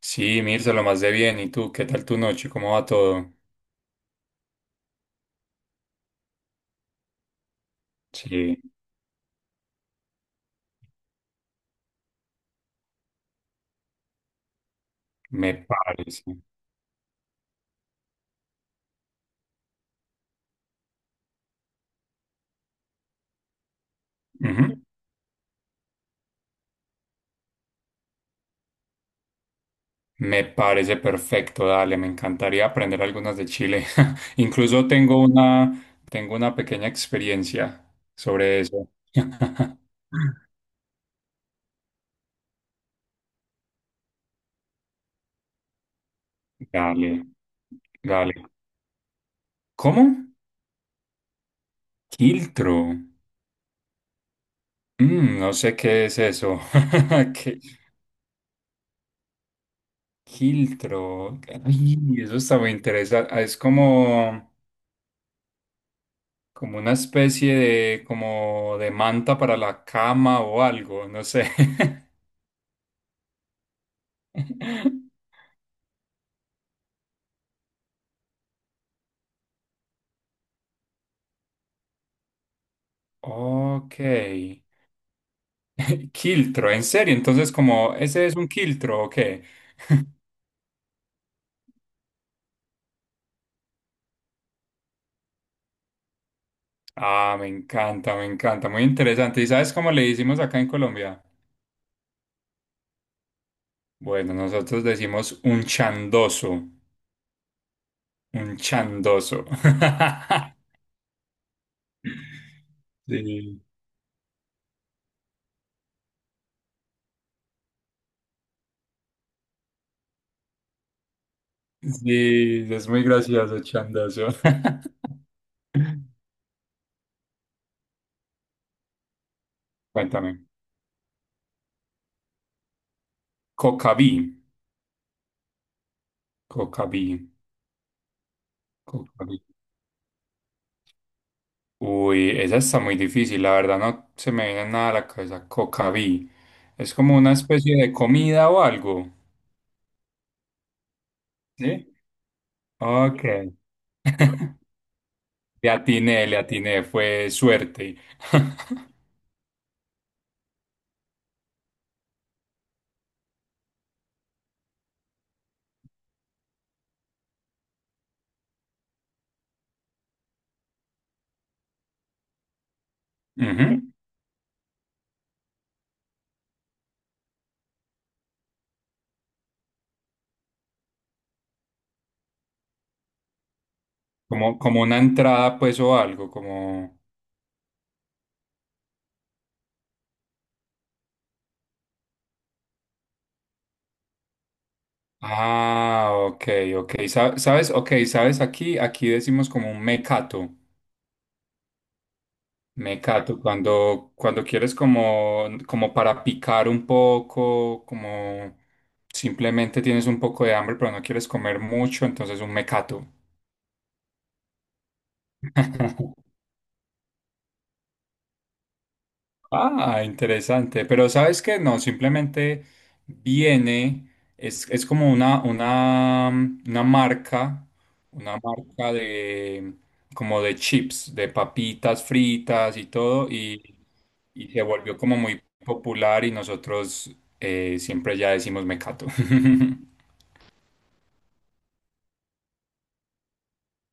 Sí, Mirza, lo más de bien. ¿Y tú? ¿Qué tal tu noche? ¿Cómo va todo? Sí, me parece. Ujú. Me parece perfecto, dale. Me encantaría aprender algunas de Chile. Incluso tengo una pequeña experiencia sobre eso. Dale, dale. ¿Cómo? Quiltro. No sé qué es eso. ¿Qué? Quiltro. Ay, eso está muy interesante. Ah, es como una especie de, como de manta para la cama o algo, no sé. Ok. ¿Quiltro, en serio, entonces como ese es un quiltro o qué? Ah, me encanta, muy interesante. ¿Y sabes cómo le decimos acá en Colombia? Bueno, nosotros decimos un chandoso, un chandoso. Sí, sí, es muy gracioso, chandoso. Cuéntame. Cocaví. Cocaví, Cocaví. Uy, esa está muy difícil, la verdad no se me viene nada a la cabeza. Cocaví. Es como una especie de comida o algo. ¿Sí? Ok. Le atiné, fue suerte. Ujú. Como una entrada, pues, o algo, como. Ah, ok, ok. ¿Sabes? Ok, ¿sabes? Aquí decimos como un mecato. Mecato, cuando quieres como para picar un poco, como simplemente tienes un poco de hambre, pero no quieres comer mucho, entonces un mecato. Ah, interesante. Pero ¿sabes qué? No, simplemente viene, es como una marca de, como de chips, de papitas fritas y todo, y se volvió como muy popular y nosotros siempre ya decimos mecato.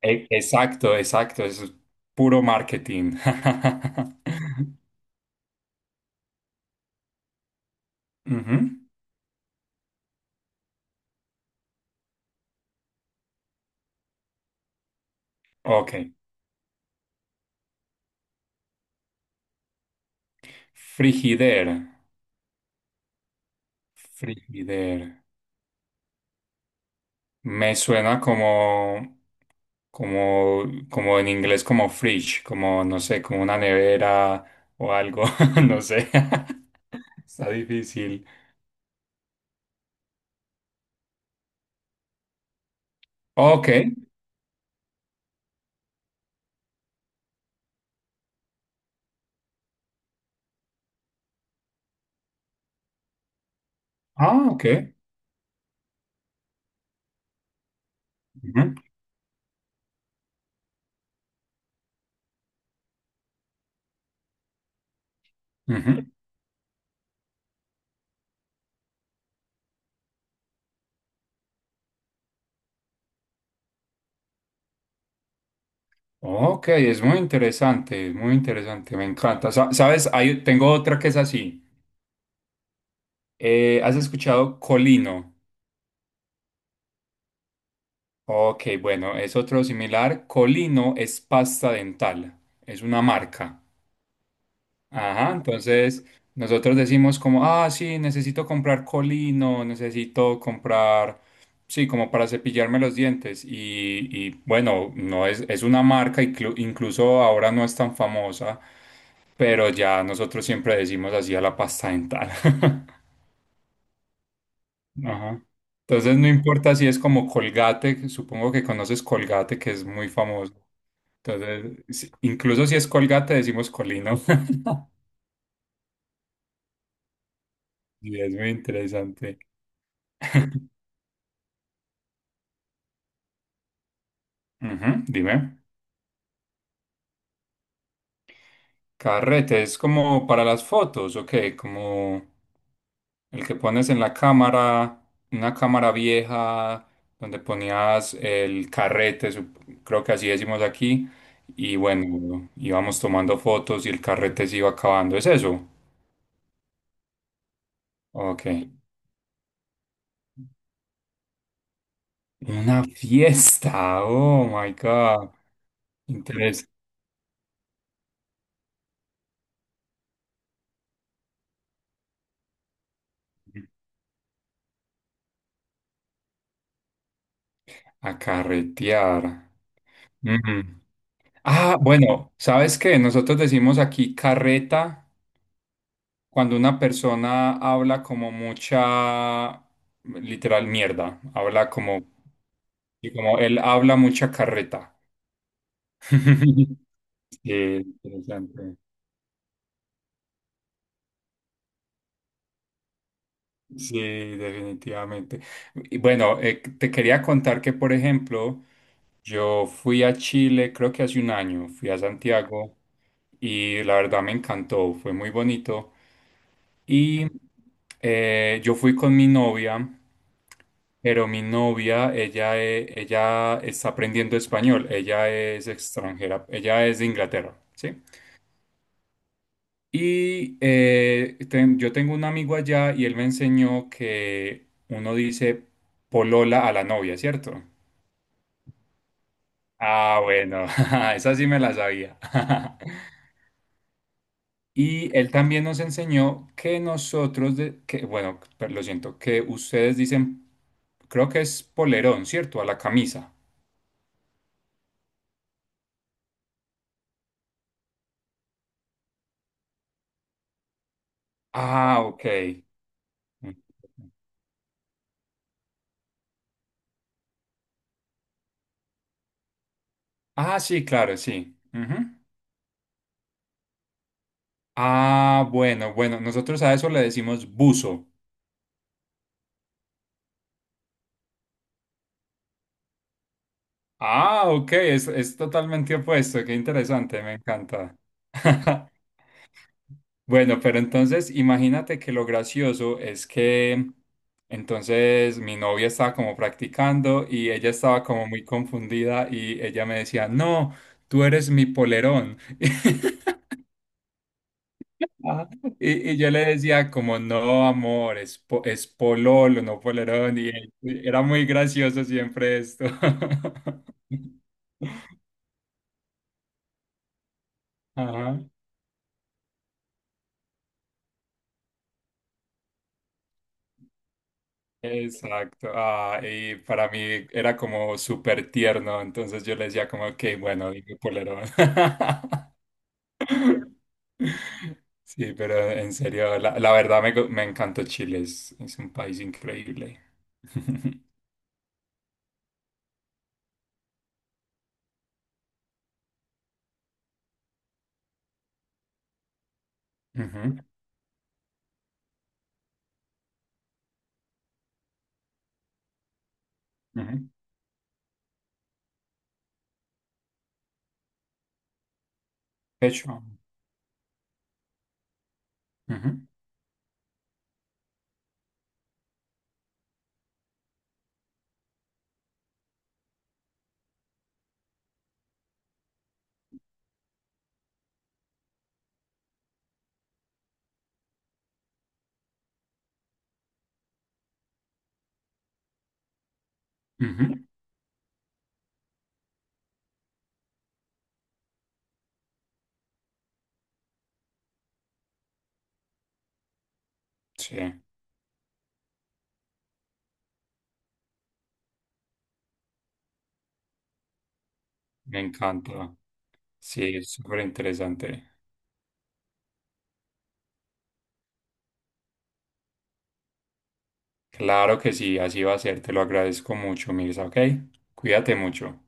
Exacto, exacto, eso es puro marketing. Ujú, ok. Frigider, frigider. Me suena como, como, como en inglés como fridge, como no sé, como una nevera o algo, no sé. Está difícil. Ok. Ah, ok. Ujú, ujú. Ok, es muy interesante, me encanta. ¿Sabes? Tengo otra que es así. ¿Has escuchado colino? Ok, bueno, es otro similar. Colino es pasta dental, es una marca. Ajá, entonces nosotros decimos como, ah, sí, necesito comprar colino, necesito comprar, sí, como para cepillarme los dientes. Y bueno, no es una marca, incluso ahora no es tan famosa, pero ya nosotros siempre decimos así a la pasta dental. Ajá. Entonces no importa si es como Colgate, que supongo que conoces Colgate, que es muy famoso. Entonces, incluso si es Colgate, decimos colino. Y es muy interesante. Ujú, dime. Carrete, ¿es como para las fotos o como el que pones en la cámara, una cámara vieja donde ponías el carrete, creo que así decimos aquí, y bueno, íbamos tomando fotos y el carrete se iba acabando? ¿Es eso? Ok. Una fiesta, oh my God. Interesante. A carretear. Mm. Ah, bueno, ¿sabes qué? Nosotros decimos aquí carreta cuando una persona habla como mucha, literal, mierda, habla como, y como él habla mucha carreta. Sí, interesante. Sí, definitivamente. Y bueno, te quería contar que, por ejemplo, yo fui a Chile, creo que hace un año, fui a Santiago y la verdad me encantó, fue muy bonito. Y yo fui con mi novia. Pero mi novia, ella está aprendiendo español, ella es extranjera, ella es de Inglaterra, ¿sí? Y yo tengo un amigo allá y él me enseñó que uno dice polola a la novia, ¿cierto? Ah, bueno, esa sí me la sabía. Y él también nos enseñó que nosotros, que, bueno, lo siento, que ustedes dicen, creo que es polerón, ¿cierto? A la camisa. Ah, ok. Ah, sí, claro, sí. Ujú. Ah, bueno, bueno, nosotros a eso le decimos buzo. Ah, ok, es totalmente opuesto, qué interesante, me encanta. Bueno, pero entonces imagínate que lo gracioso es que entonces mi novia estaba como practicando y ella estaba como muy confundida y ella me decía, no, tú eres mi polerón. Ajá. Y yo le decía como, no, amor, es pololo, no polerón. Era muy gracioso siempre esto. Ajá. Exacto. Ah, y para mí era como súper tierno. Entonces yo le decía como, ok, bueno, dime polerón. Sí, pero en serio, la verdad me encantó Chile. Es un país increíble. Ujú, ujú. De hecho, ujú, ujú. Sí, me encanta. Sí, es súper interesante. Claro que sí, así va a ser. Te lo agradezco mucho, Mirza, ¿ok? Cuídate mucho.